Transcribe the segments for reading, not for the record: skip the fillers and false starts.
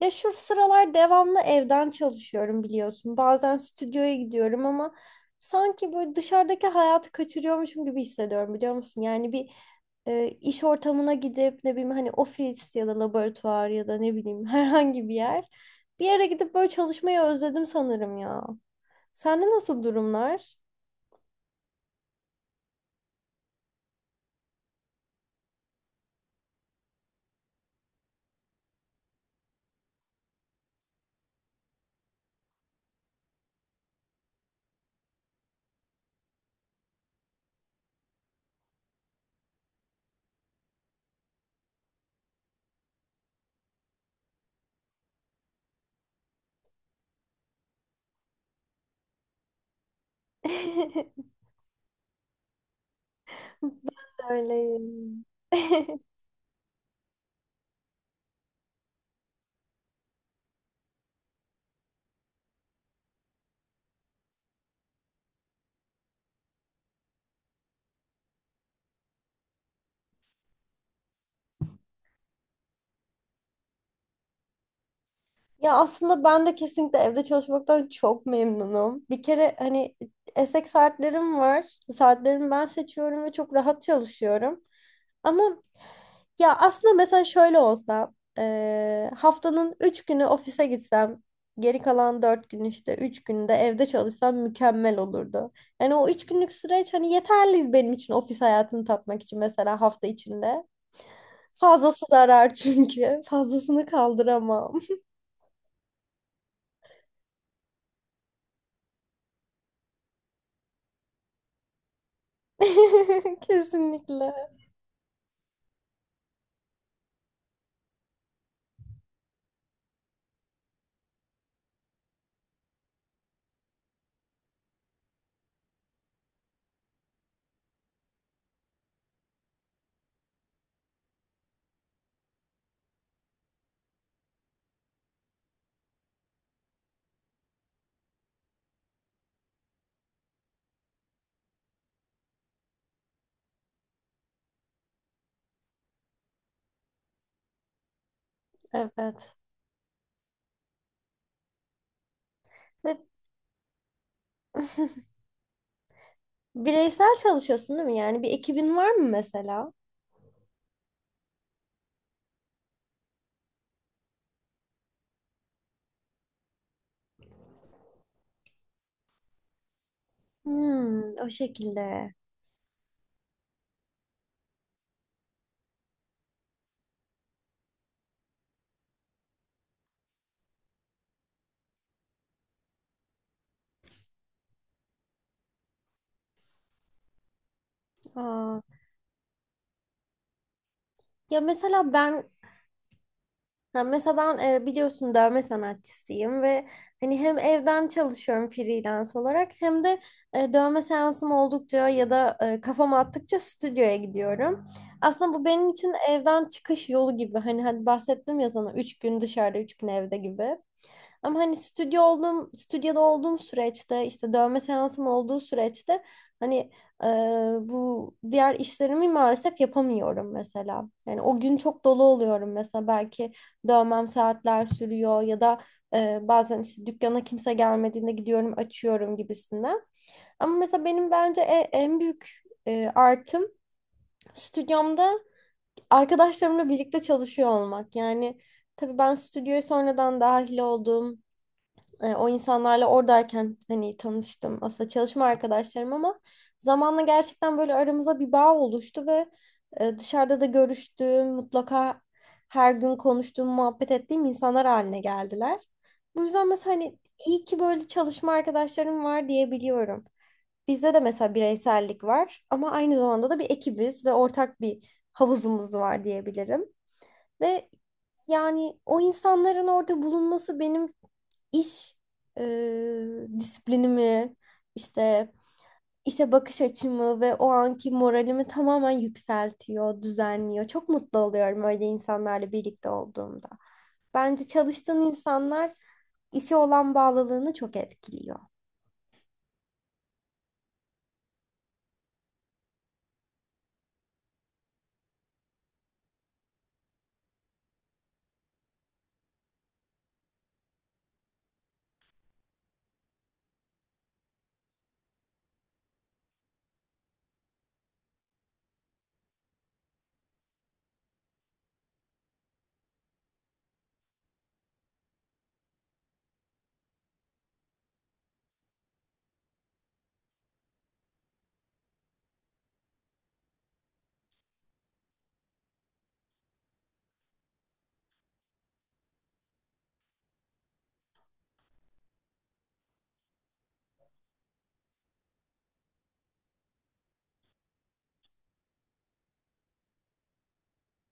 Ya şu sıralar devamlı evden çalışıyorum biliyorsun. Bazen stüdyoya gidiyorum ama sanki böyle dışarıdaki hayatı kaçırıyormuşum gibi hissediyorum biliyor musun? Yani bir iş ortamına gidip ne bileyim hani ofis ya da laboratuvar ya da ne bileyim herhangi bir yer. Bir yere gidip böyle çalışmayı özledim sanırım ya. Sende nasıl durumlar? Öyleyim. Ya aslında ben de kesinlikle evde çalışmaktan çok memnunum. Bir kere hani esek saatlerim var. Saatlerimi ben seçiyorum ve çok rahat çalışıyorum. Ama ya aslında mesela şöyle olsa haftanın 3 günü ofise gitsem geri kalan 4 gün işte 3 günde evde çalışsam mükemmel olurdu. Yani o 3 günlük süreç hani yeterli benim için ofis hayatını tatmak için mesela hafta içinde. Fazlası zarar çünkü. Fazlasını kaldıramam. Kesinlikle. Evet. Ve bireysel çalışıyorsun değil mi? Yani bir ekibin var mı mesela? Hmm, o şekilde. Aa. Ya mesela ben ha mesela ben biliyorsun dövme sanatçısıyım ve hani hem evden çalışıyorum freelance olarak hem de dövme seansım oldukça ya da kafam attıkça stüdyoya gidiyorum. Aslında bu benim için evden çıkış yolu gibi. Hani hadi bahsettim ya sana 3 gün dışarıda 3 gün evde gibi. Ama hani stüdyo olduğum, stüdyoda olduğum süreçte işte dövme seansım olduğu süreçte hani e, bu diğer işlerimi maalesef yapamıyorum mesela. Yani o gün çok dolu oluyorum mesela belki dövmem saatler sürüyor ya da bazen işte dükkana kimse gelmediğinde gidiyorum açıyorum gibisinden. Ama mesela benim bence en büyük artım stüdyomda arkadaşlarımla birlikte çalışıyor olmak. Yani tabii ben stüdyoya sonradan dahil oldum o insanlarla oradayken hani tanıştım aslında çalışma arkadaşlarım ama zamanla gerçekten böyle aramıza bir bağ oluştu ve dışarıda da görüştüğüm, mutlaka her gün konuştuğum, muhabbet ettiğim insanlar haline geldiler. Bu yüzden mesela hani iyi ki böyle çalışma arkadaşlarım var diyebiliyorum. Bizde de mesela bireysellik var ama aynı zamanda da bir ekibiz ve ortak bir havuzumuz var diyebilirim. Ve yani o insanların orada bulunması benim iş disiplinimi, işte işe bakış açımı ve o anki moralimi tamamen yükseltiyor, düzenliyor. Çok mutlu oluyorum öyle insanlarla birlikte olduğumda. Bence çalıştığın insanlar işe olan bağlılığını çok etkiliyor.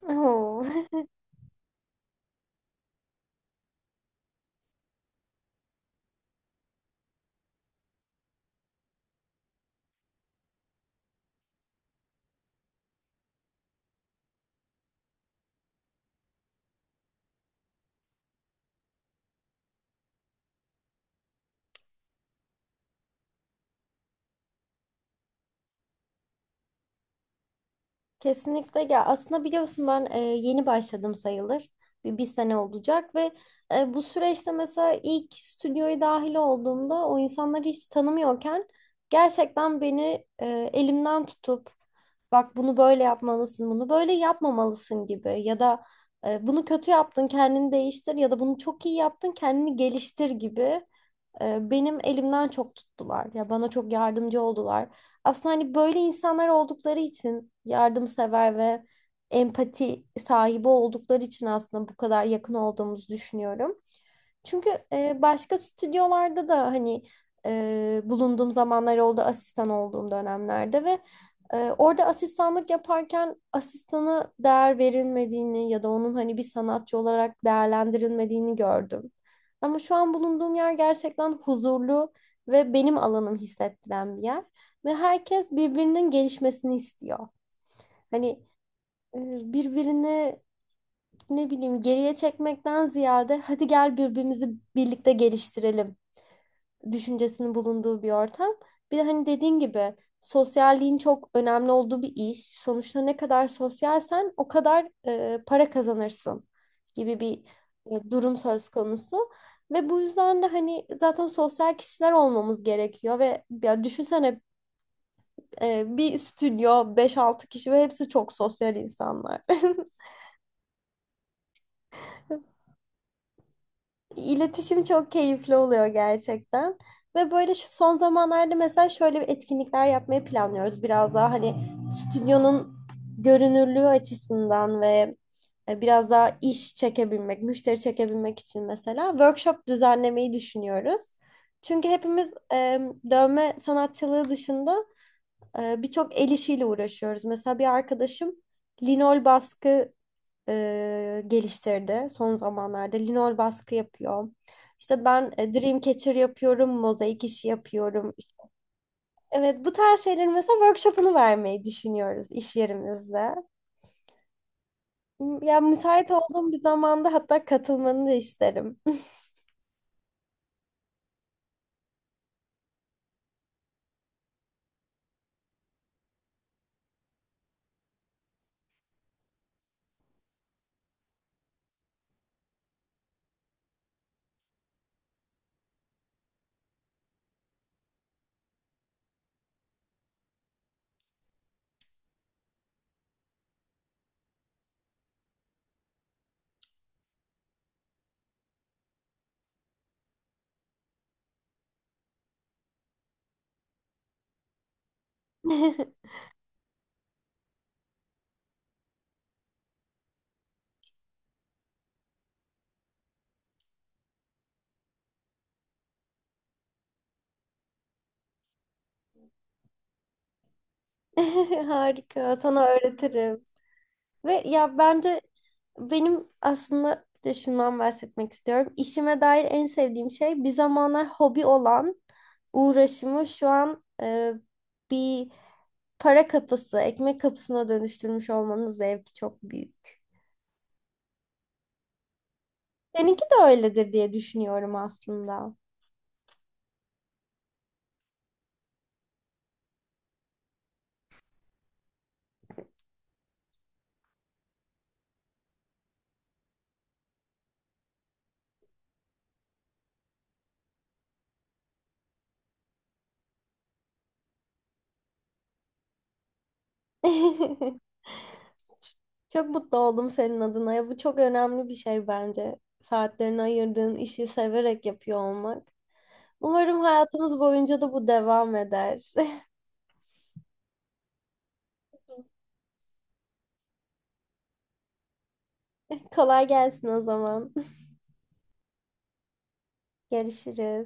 Oo. Kesinlikle ya aslında biliyorsun ben yeni başladım sayılır. Bir sene olacak ve bu süreçte mesela ilk stüdyoya dahil olduğumda o insanları hiç tanımıyorken gerçekten beni elimden tutup bak bunu böyle yapmalısın, bunu böyle yapmamalısın gibi ya da bunu kötü yaptın kendini değiştir ya da bunu çok iyi yaptın kendini geliştir gibi benim elimden çok tuttular. Ya bana çok yardımcı oldular. Aslında hani böyle insanlar oldukları için yardımsever ve empati sahibi oldukları için aslında bu kadar yakın olduğumuzu düşünüyorum. Çünkü başka stüdyolarda da hani bulunduğum zamanlar oldu asistan olduğum dönemlerde ve orada asistanlık yaparken asistanı değer verilmediğini ya da onun hani bir sanatçı olarak değerlendirilmediğini gördüm. Ama şu an bulunduğum yer gerçekten huzurlu ve benim alanım hissettiren bir yer ve herkes birbirinin gelişmesini istiyor. Hani birbirini ne bileyim geriye çekmekten ziyade hadi gel birbirimizi birlikte geliştirelim düşüncesinin bulunduğu bir ortam. Bir de hani dediğin gibi sosyalliğin çok önemli olduğu bir iş. Sonuçta ne kadar sosyalsen o kadar para kazanırsın gibi bir durum söz konusu. Ve bu yüzden de hani zaten sosyal kişiler olmamız gerekiyor ve ya düşünsene bir stüdyo beş altı kişi ve hepsi çok sosyal insanlar. İletişim çok keyifli oluyor gerçekten. Ve böyle şu son zamanlarda mesela şöyle bir etkinlikler yapmayı planlıyoruz. Biraz daha hani stüdyonun görünürlüğü açısından ve biraz daha iş çekebilmek, müşteri çekebilmek için mesela workshop düzenlemeyi düşünüyoruz. Çünkü hepimiz dövme sanatçılığı dışında birçok el işiyle uğraşıyoruz. Mesela bir arkadaşım linol baskı geliştirdi son zamanlarda. Linol baskı yapıyor. İşte ben Dreamcatcher yapıyorum, mozaik işi yapıyorum. Evet bu tarz şeylerin mesela workshop'unu vermeyi düşünüyoruz iş yerimizde. Ya müsait olduğum bir zamanda hatta katılmanı da isterim. Harika, sana öğretirim. Ve ya ben de benim aslında bir de şundan bahsetmek istiyorum. İşime dair en sevdiğim şey bir zamanlar hobi olan uğraşımı şu an bir para kapısı, ekmek kapısına dönüştürmüş olmanın zevki çok büyük. Seninki de öyledir diye düşünüyorum aslında. Çok mutlu oldum senin adına. Ya bu çok önemli bir şey bence. Saatlerini ayırdığın işi severek yapıyor olmak. Umarım hayatımız boyunca da bu devam eder. Kolay gelsin o zaman. Görüşürüz.